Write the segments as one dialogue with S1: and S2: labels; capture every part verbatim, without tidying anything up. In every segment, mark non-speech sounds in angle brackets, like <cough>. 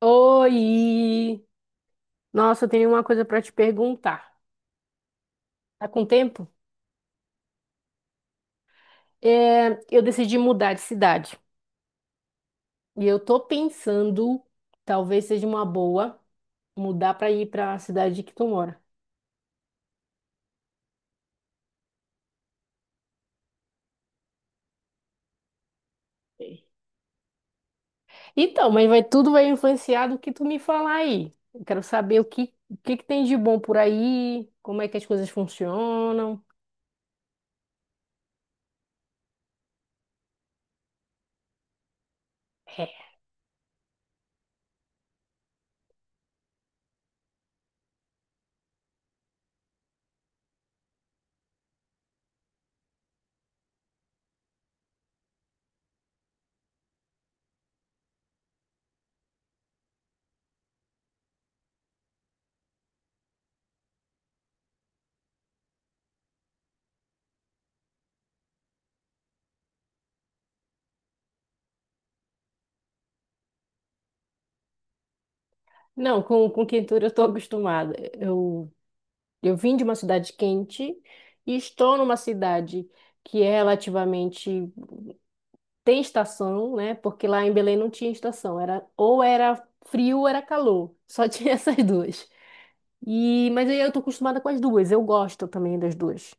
S1: Oi! Nossa, eu tenho uma coisa para te perguntar. Tá com tempo? É, eu decidi mudar de cidade. E eu tô pensando, talvez seja uma boa, mudar para ir para a cidade que tu mora. Sei. Então, mas vai, tudo vai influenciar do que tu me falar aí. Eu quero saber o que, o que que tem de bom por aí, como é que as coisas funcionam. É. Não, com, com quentura eu tô acostumada. Eu Eu vim de uma cidade quente e estou numa cidade que é relativamente tem estação, né? Porque lá em Belém não tinha estação, era ou era frio ou era calor, só <laughs> tinha essas duas. E mas aí eu tô acostumada com as duas, eu gosto também das duas.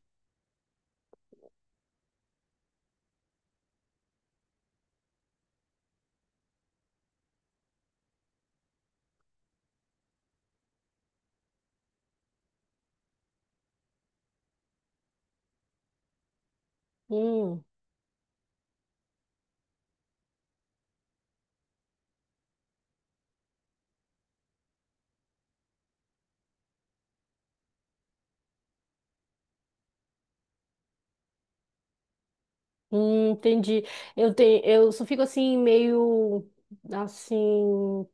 S1: Hum, hum, entendi. Eu tenho, eu só fico assim meio assim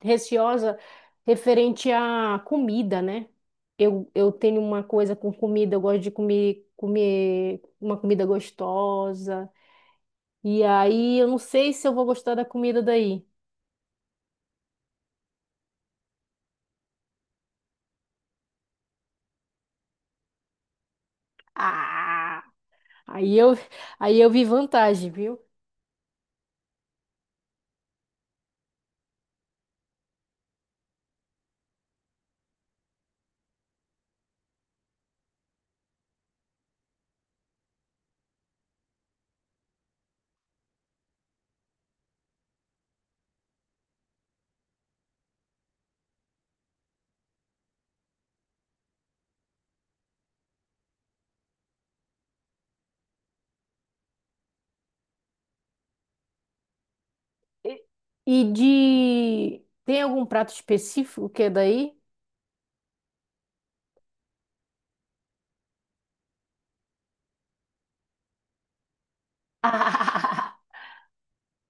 S1: receosa referente à comida, né? Eu, eu tenho uma coisa com comida, eu gosto de comer, comer uma comida gostosa. E aí eu não sei se eu vou gostar da comida daí. Ah! Aí eu, aí eu vi vantagem, viu? E e de. Tem algum prato específico que é daí? <laughs>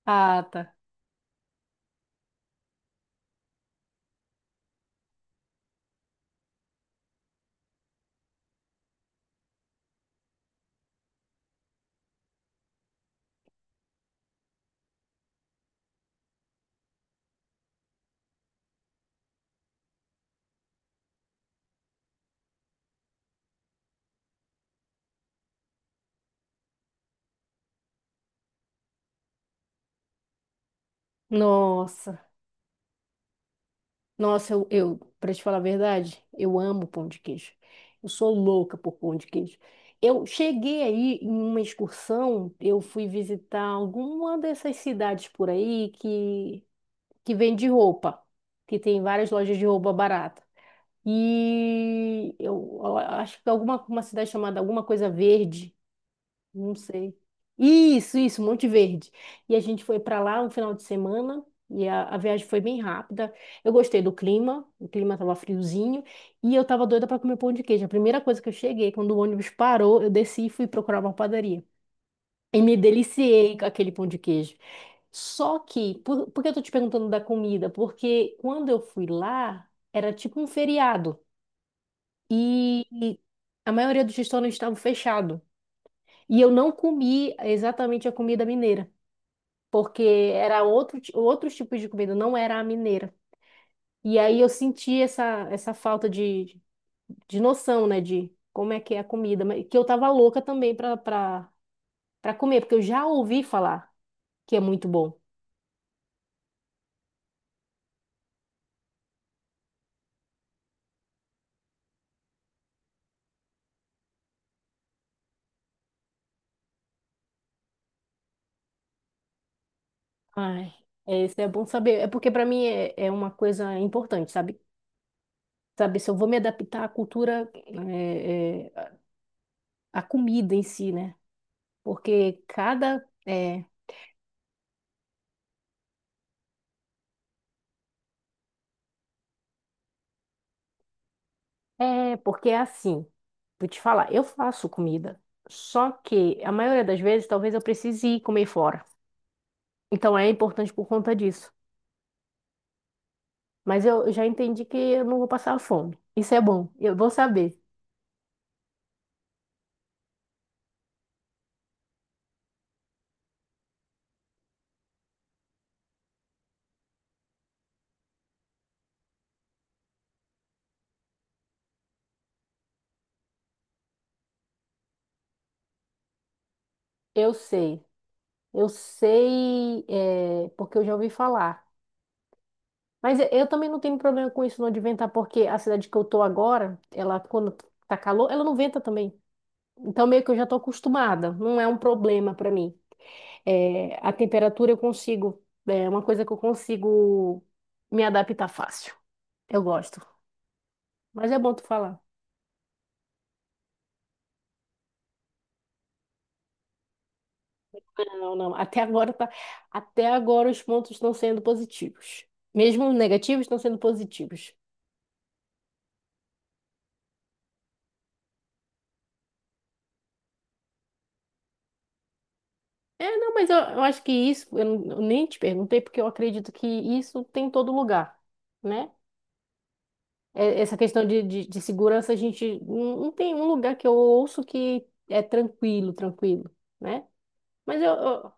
S1: Ah, tá. Nossa. Nossa, eu, eu para te falar a verdade, eu amo pão de queijo. Eu sou louca por pão de queijo. Eu cheguei aí em uma excursão, eu fui visitar alguma dessas cidades por aí que, que vende roupa, que tem várias lojas de roupa barata. E eu, eu acho que alguma uma cidade chamada alguma coisa verde. Não sei. Isso, isso, Monte Verde. E a gente foi para lá um final de semana e a, a viagem foi bem rápida. Eu gostei do clima, o clima estava friozinho e eu estava doida para comer pão de queijo. A primeira coisa que eu cheguei, quando o ônibus parou, eu desci e fui procurar uma padaria. E me deliciei com aquele pão de queijo. Só que, por, por que eu tô te perguntando da comida? Porque quando eu fui lá, era tipo um feriado e e a maioria dos restaurantes estavam fechados. E eu não comi exatamente a comida mineira, porque era outro, ti- outro tipo de comida, não era a mineira. E aí eu senti essa, essa falta de, de noção, né, de como é que é a comida, mas que eu tava louca também para para comer, porque eu já ouvi falar que é muito bom. Ai, é, isso é bom saber. É porque para mim é, é uma coisa importante, sabe? Sabe, se eu vou me adaptar à cultura, é, é, à comida em si, né? Porque cada eh, É, porque é assim, vou te falar, eu faço comida, só que a maioria das vezes talvez eu precise ir comer fora. Então é importante por conta disso. Mas eu eu já entendi que eu não vou passar fome. Isso é bom, eu vou saber. Eu sei, eu sei, é, porque eu já ouvi falar. Mas eu, eu também não tenho problema com isso não de ventar, porque a cidade que eu tô agora, ela quando tá calor, ela não venta também. Então meio que eu já tô acostumada, não é um problema pra mim. É, a temperatura eu consigo, é uma coisa que eu consigo me adaptar fácil. Eu gosto. Mas é bom tu falar. Não, não. Até agora tá, até agora os pontos estão sendo positivos. Mesmo negativos estão sendo positivos. É, não, mas eu, eu acho que isso, eu, não- eu nem te perguntei, porque eu acredito que isso tem em todo lugar, né? É, essa questão de, de, de segurança, a gente não, não tem um lugar que eu ouço que é tranquilo, tranquilo, né? Mas eu, eu-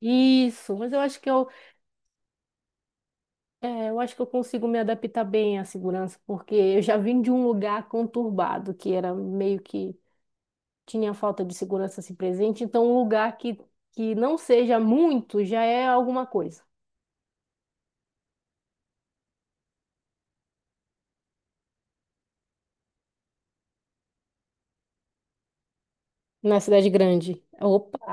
S1: Isso, mas eu acho que eu, é, eu acho que eu consigo me adaptar bem à segurança, porque eu já vim de um lugar conturbado, que era meio que tinha falta de segurança assim presente, então um lugar que, que não seja muito já é alguma coisa. Na cidade grande, opa,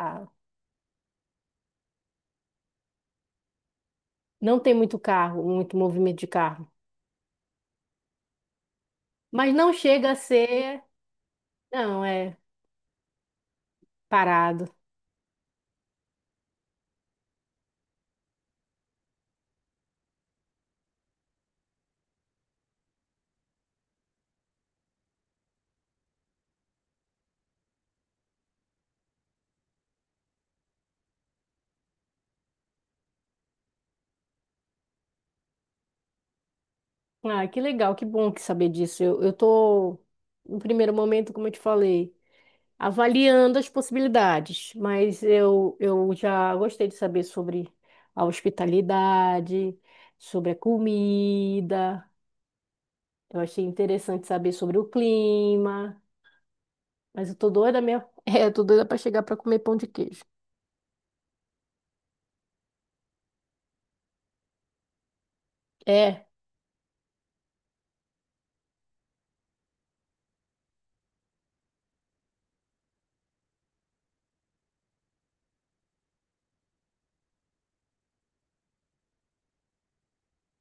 S1: não tem muito carro, muito movimento de carro, mas não chega a ser, não, é parado. Ah, que legal, que bom que saber disso. Eu, eu tô, no primeiro momento, como eu te falei, avaliando as possibilidades, mas eu, eu já gostei de saber sobre a hospitalidade, sobre a comida. Eu achei interessante saber sobre o clima, mas eu tô doida mesmo. <laughs> É, eu tô doida para chegar para comer pão de queijo. É.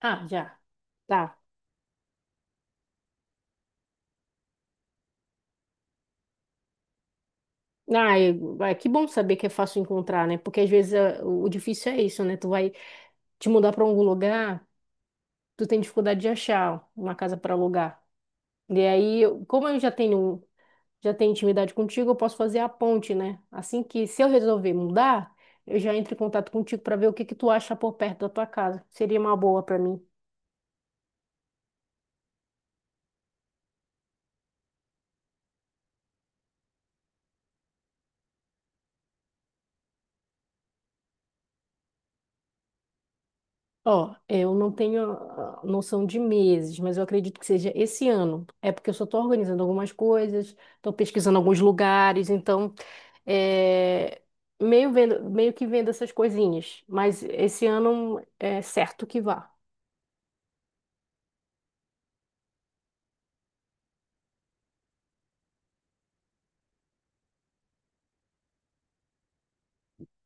S1: Ah, já. Tá. Ah, eu- ah, que bom saber que é fácil encontrar, né? Porque às vezes é, o o difícil é isso, né? Tu vai te mudar para algum lugar, tu tem dificuldade de achar uma casa para alugar. E aí, eu- como eu já tenho já tem intimidade contigo, eu posso fazer a ponte, né? Assim que, se eu resolver mudar, eu já entro em contato contigo para ver o que que tu acha por perto da tua casa. Seria uma boa para mim. Ó, eu não tenho ah, noção de meses, mas eu acredito que seja esse ano. É porque eu só estou organizando algumas coisas, estou pesquisando alguns lugares, então é meio vendo, meio que vendo essas coisinhas. Mas esse ano é certo que vá.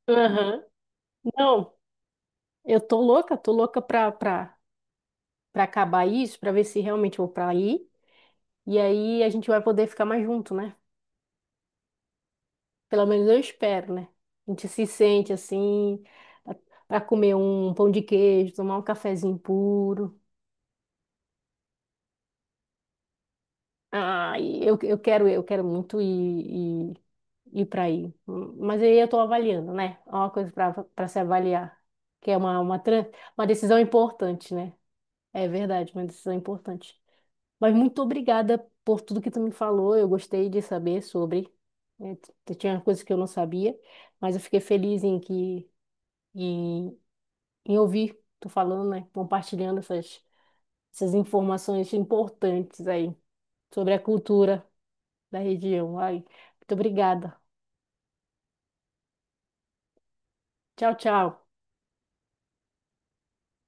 S1: Aham. Não, eu tô louca, tô louca pra, pra para acabar isso, para ver se realmente eu vou para aí. E aí a gente vai poder ficar mais junto, né? Pelo menos eu espero, né? A gente se sente assim, para comer um pão de queijo, tomar um cafezinho puro. Ai, eu, eu quero, eu quero muito ir, ir, ir para aí. Mas aí eu estou avaliando, né? É uma coisa para para se avaliar, que é uma, uma, tran- uma decisão importante, né? É verdade, uma decisão importante. Mas muito obrigada por tudo que tu me falou. Eu gostei de saber sobre. né, t- Tinha coisas que eu não sabia, mas eu fiquei feliz em que em, em ouvir tu falando, né? Compartilhando essas, essas informações importantes aí sobre a cultura da região. Ai, muito obrigada. Tchau, tchau.